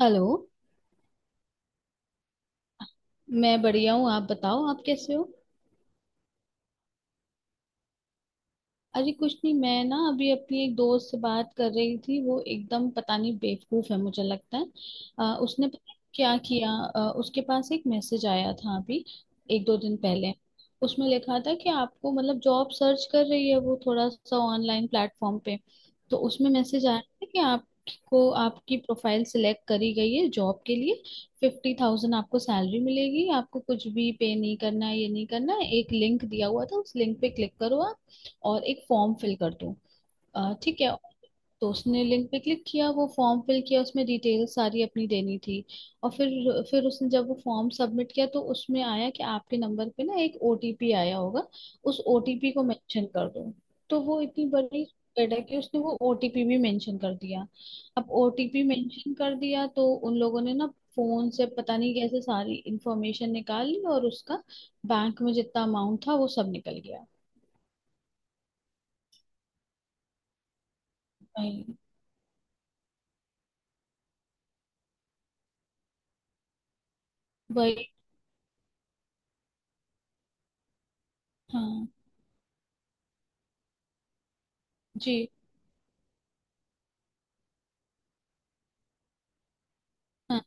Hello. मैं बढ़िया हूँ, आप बताओ, आप कैसे हो? अरे कुछ नहीं, मैं ना अभी अपनी एक दोस्त से बात कर रही थी। वो एकदम पता नहीं बेवकूफ है मुझे लगता है। उसने पता नहीं क्या किया। उसके पास एक मैसेज आया था अभी एक दो दिन पहले। उसमें लिखा था कि आपको मतलब जॉब सर्च कर रही है वो, थोड़ा सा ऑनलाइन प्लेटफॉर्म पे। तो उसमें मैसेज आया था कि आपको, आपकी प्रोफाइल सिलेक्ट करी गई है जॉब के लिए। 50,000 आपको सैलरी मिलेगी, आपको कुछ भी पे नहीं करना है, ये नहीं करना है। एक लिंक दिया हुआ था, उस लिंक पे क्लिक करो आप और एक फॉर्म फिल कर दूँ। ठीक है। तो उसने लिंक पे क्लिक किया, वो फॉर्म फिल किया, उसमें डिटेल सारी अपनी देनी थी। और फिर उसने जब वो फॉर्म सबमिट किया तो उसमें आया कि आपके नंबर पे ना एक ओटीपी आया होगा, उस ओटीपी को मेंशन कर दो। तो वो इतनी बड़ी स्प्रेड है कि उसने वो ओटीपी भी मेंशन कर दिया। अब ओटीपी मेंशन कर दिया तो उन लोगों ने ना फोन से पता नहीं कैसे सारी इंफॉर्मेशन निकाल ली और उसका बैंक में जितना अमाउंट था वो सब निकल गया। वही वही। हाँ। जी हाँ।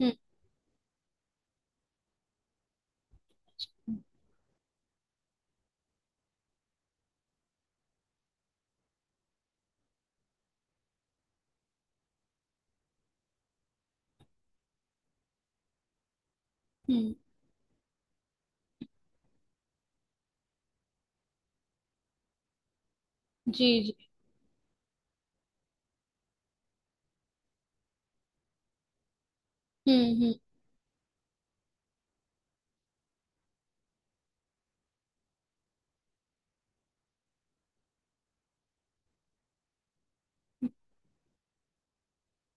हम्म। हम्म। हम्म, जी जी। हम्म। हम्म।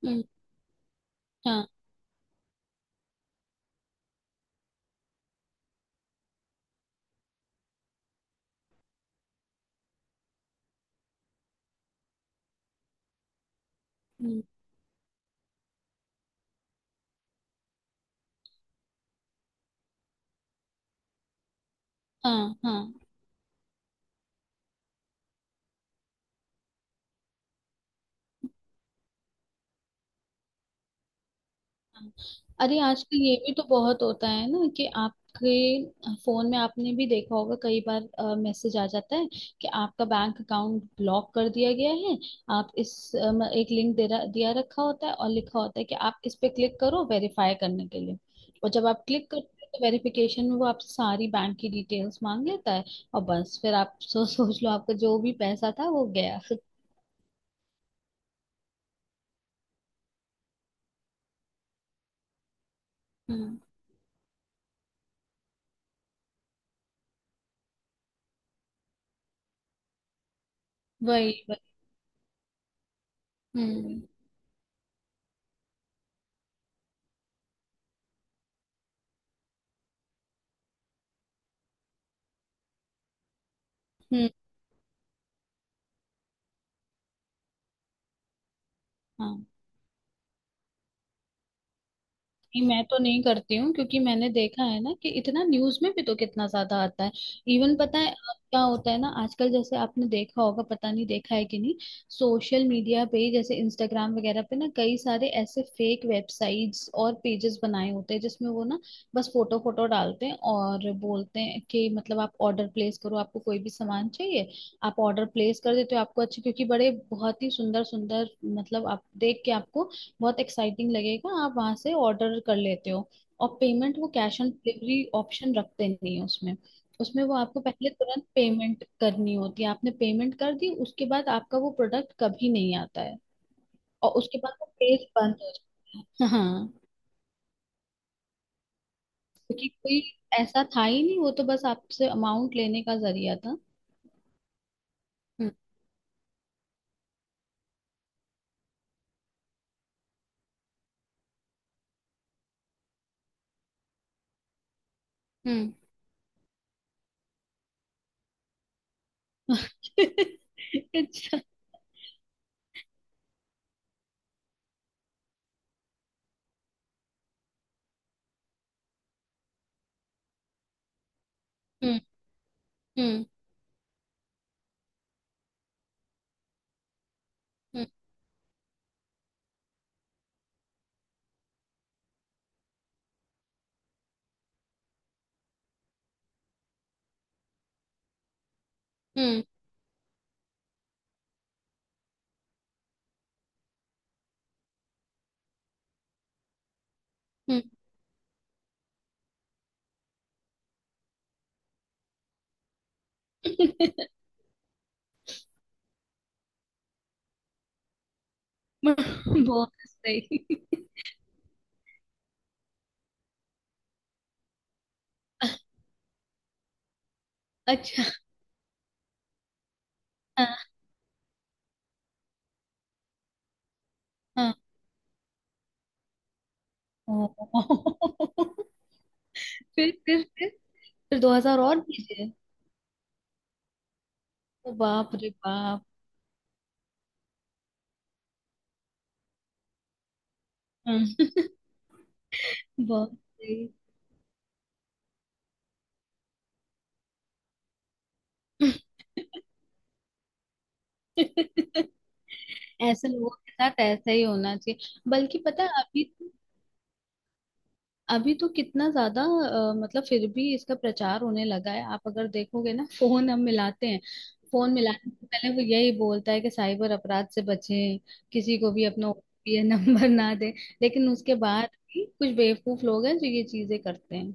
हम्म। हाँ। हम्म। हाँ हाँ। अरे आजकल ये भी तो बहुत होता है ना कि आपके फोन में, आपने भी देखा होगा कई बार, मैसेज आ जाता है कि आपका बैंक अकाउंट ब्लॉक कर दिया गया है। आप इस एक लिंक दिया रखा होता है और लिखा होता है कि आप इस पे क्लिक करो वेरीफाई करने के लिए। और जब आप क्लिक करते हो तो वेरिफिकेशन में वो आपसे सारी बैंक की डिटेल्स मांग लेता है। और बस फिर आप सोच लो आपका जो भी पैसा था वो गया। हम्म। वही वही। हम्म। हम्म। हाँ। नहीं, मैं तो नहीं करती हूँ क्योंकि मैंने देखा है ना कि इतना न्यूज में भी तो कितना ज्यादा आता है। इवन पता है अब क्या होता है ना, आजकल, जैसे आपने देखा होगा, पता नहीं देखा है कि नहीं, सोशल मीडिया पे जैसे इंस्टाग्राम वगैरह पे ना कई सारे ऐसे फेक वेबसाइट्स और पेजेस बनाए होते हैं जिसमें वो ना बस फोटो फोटो डालते हैं और बोलते हैं कि मतलब आप ऑर्डर प्लेस करो, आपको कोई भी सामान चाहिए आप ऑर्डर प्लेस कर देते हो। आपको अच्छे क्योंकि बड़े बहुत ही सुंदर सुंदर, मतलब आप देख के आपको बहुत एक्साइटिंग लगेगा, आप वहां से ऑर्डर कर लेते हो। और पेमेंट वो कैश ऑन डिलीवरी ऑप्शन रखते नहीं है उसमें। उसमें वो आपको पहले तुरंत पेमेंट करनी होती है, आपने पेमेंट कर दी उसके बाद आपका वो प्रोडक्ट कभी नहीं आता है। और उसके बाद वो पेज बंद हो जाता है। हाँ। क्योंकि कोई ऐसा था ही नहीं, वो तो बस आपसे अमाउंट लेने का जरिया था। हम्म। हम्म। अच्छा। हम्म। हम्म। हम्म। हम्म। हम्म। बहुत सही। अच्छा। हाँ। हाँ। ओ फिर फिर 2,000 और दीजिए। तो बाप रे बाप। हम्म, बहुत सही। ऐसे लोगों के साथ ऐसा ही होना चाहिए। बल्कि पता है अभी तो, अभी तो कितना ज्यादा मतलब फिर भी इसका प्रचार होने लगा है। आप अगर देखोगे ना, फोन हम मिलाते हैं, फोन मिलाने से पहले वो यही बोलता है कि साइबर अपराध से बचें, किसी को भी अपना ओटीपी नंबर ना दें। लेकिन उसके बाद भी कुछ बेवकूफ लोग हैं जो ये चीजें करते हैं।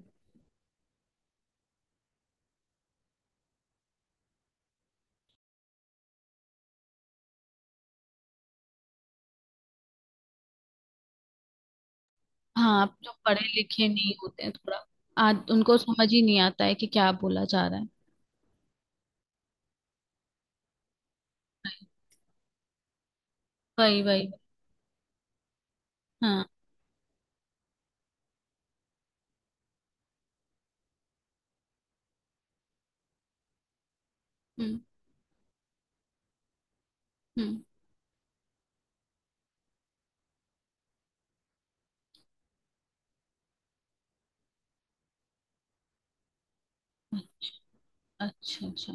हाँ, आप जो पढ़े लिखे नहीं होते हैं थोड़ा, आज उनको समझ ही नहीं आता है कि क्या बोला जा रहा है। वही वही वही। हाँ। हम्म। हम्म। अच्छा अच्छा।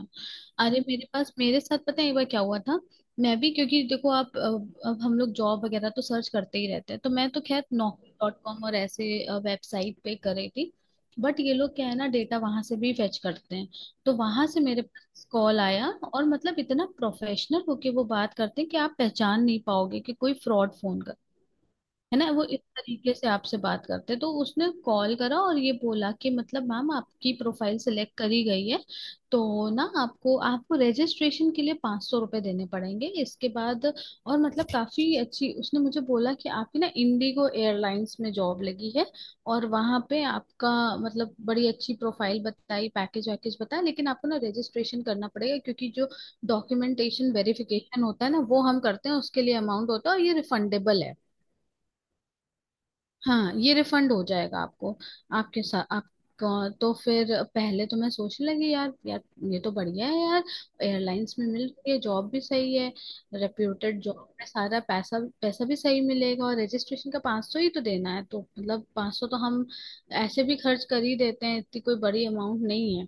अरे मेरे पास, मेरे साथ पता है एक बार क्या हुआ था। मैं भी, क्योंकि देखो आप, अब हम लोग जॉब वगैरह तो सर्च करते ही रहते हैं, तो मैं तो खैर नौकरी डॉट कॉम और ऐसे वेबसाइट पे कर रही थी। बट ये लोग क्या है ना, डेटा वहां से भी फेच करते हैं। तो वहां से मेरे पास कॉल आया और मतलब इतना प्रोफेशनल होके वो बात करते हैं कि आप पहचान नहीं पाओगे कि कोई फ्रॉड फोन है, ना वो इस तरीके से आपसे बात करते हैं। तो उसने कॉल करा और ये बोला कि मतलब मैम आपकी प्रोफाइल सिलेक्ट करी गई है। तो ना आपको, आपको रजिस्ट्रेशन के लिए 500 रुपये देने पड़ेंगे इसके बाद। और मतलब काफी अच्छी, उसने मुझे बोला कि आपकी ना इंडिगो एयरलाइंस में जॉब लगी है। और वहां पे आपका, मतलब बड़ी अच्छी प्रोफाइल बताई, पैकेज वैकेज बताया। लेकिन आपको ना रजिस्ट्रेशन करना पड़ेगा क्योंकि जो डॉक्यूमेंटेशन वेरिफिकेशन होता है ना वो हम करते हैं, उसके लिए अमाउंट होता है, और ये रिफंडेबल है। हाँ, ये रिफंड हो जाएगा आपको, आपके साथ आपका। तो फिर पहले तो मैं सोचने लगी, यार यार, ये तो बढ़िया है यार, एयरलाइंस में मिल रही है जॉब, भी सही है, रेप्यूटेड जॉब में सारा पैसा, पैसा भी सही मिलेगा और रजिस्ट्रेशन का 500 ही तो देना है। तो मतलब 500 तो हम ऐसे भी खर्च कर ही देते हैं, इतनी कोई बड़ी अमाउंट नहीं।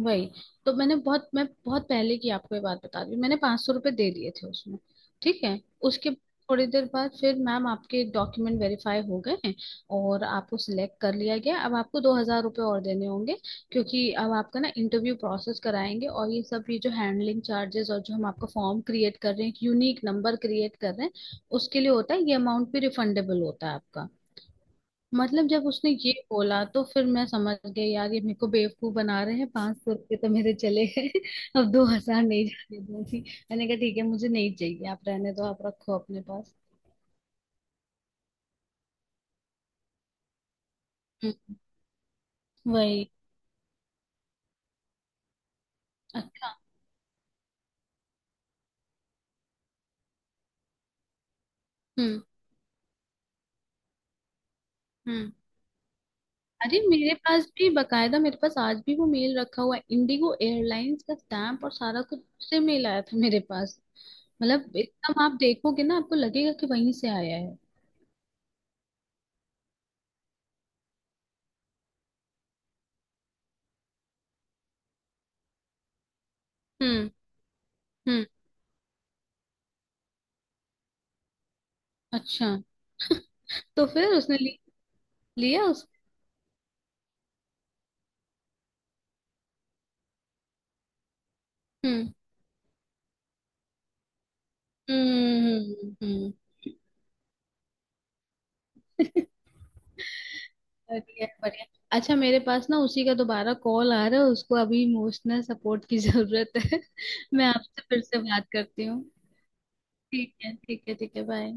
वही। तो मैं बहुत पहले की आपको ये बात बता रही हूँ, मैंने 500 रुपये दे दिए थे उसमें। ठीक है। उसके थोड़ी देर बाद फिर, मैम आपके डॉक्यूमेंट वेरीफाई हो गए हैं और आपको सिलेक्ट कर लिया गया, अब आपको 2,000 रुपये और देने होंगे। क्योंकि अब आपका ना इंटरव्यू प्रोसेस कराएंगे और ये सब, ये जो हैंडलिंग चार्जेस और जो हम आपका फॉर्म क्रिएट कर रहे हैं, एक यूनिक नंबर क्रिएट कर रहे हैं, उसके लिए होता है, ये अमाउंट भी रिफंडेबल होता है आपका। मतलब जब उसने ये बोला तो फिर मैं समझ गई यार ये मेरे को बेवकूफ बना रहे हैं, 500 रुपये तो मेरे चले गए। अब 2,000 नहीं जाने दूंगी। मैंने कहा ठीक है मुझे नहीं चाहिए, आप रहने दो, आप रखो अपने पास। हम्म। वही। अच्छा। हम्म। हम्म। अरे मेरे पास भी बकायदा, मेरे पास आज भी वो मेल रखा हुआ है, इंडिगो एयरलाइंस का स्टैंप और सारा कुछ से मेल आया था मेरे पास। मतलब एकदम आप देखोगे ना आपको लगेगा कि वहीं से आया है। हम्म। हम्म। अच्छा। तो फिर उसने लिया उस। हम्म। हम्म। हम्म, हम्म। बढ़िया बढ़िया। अच्छा मेरे पास ना उसी का दोबारा कॉल आ रहा है, उसको अभी इमोशनल सपोर्ट की जरूरत है। मैं आपसे फिर से बात करती हूँ। ठीक है, ठीक है, ठीक है, बाय।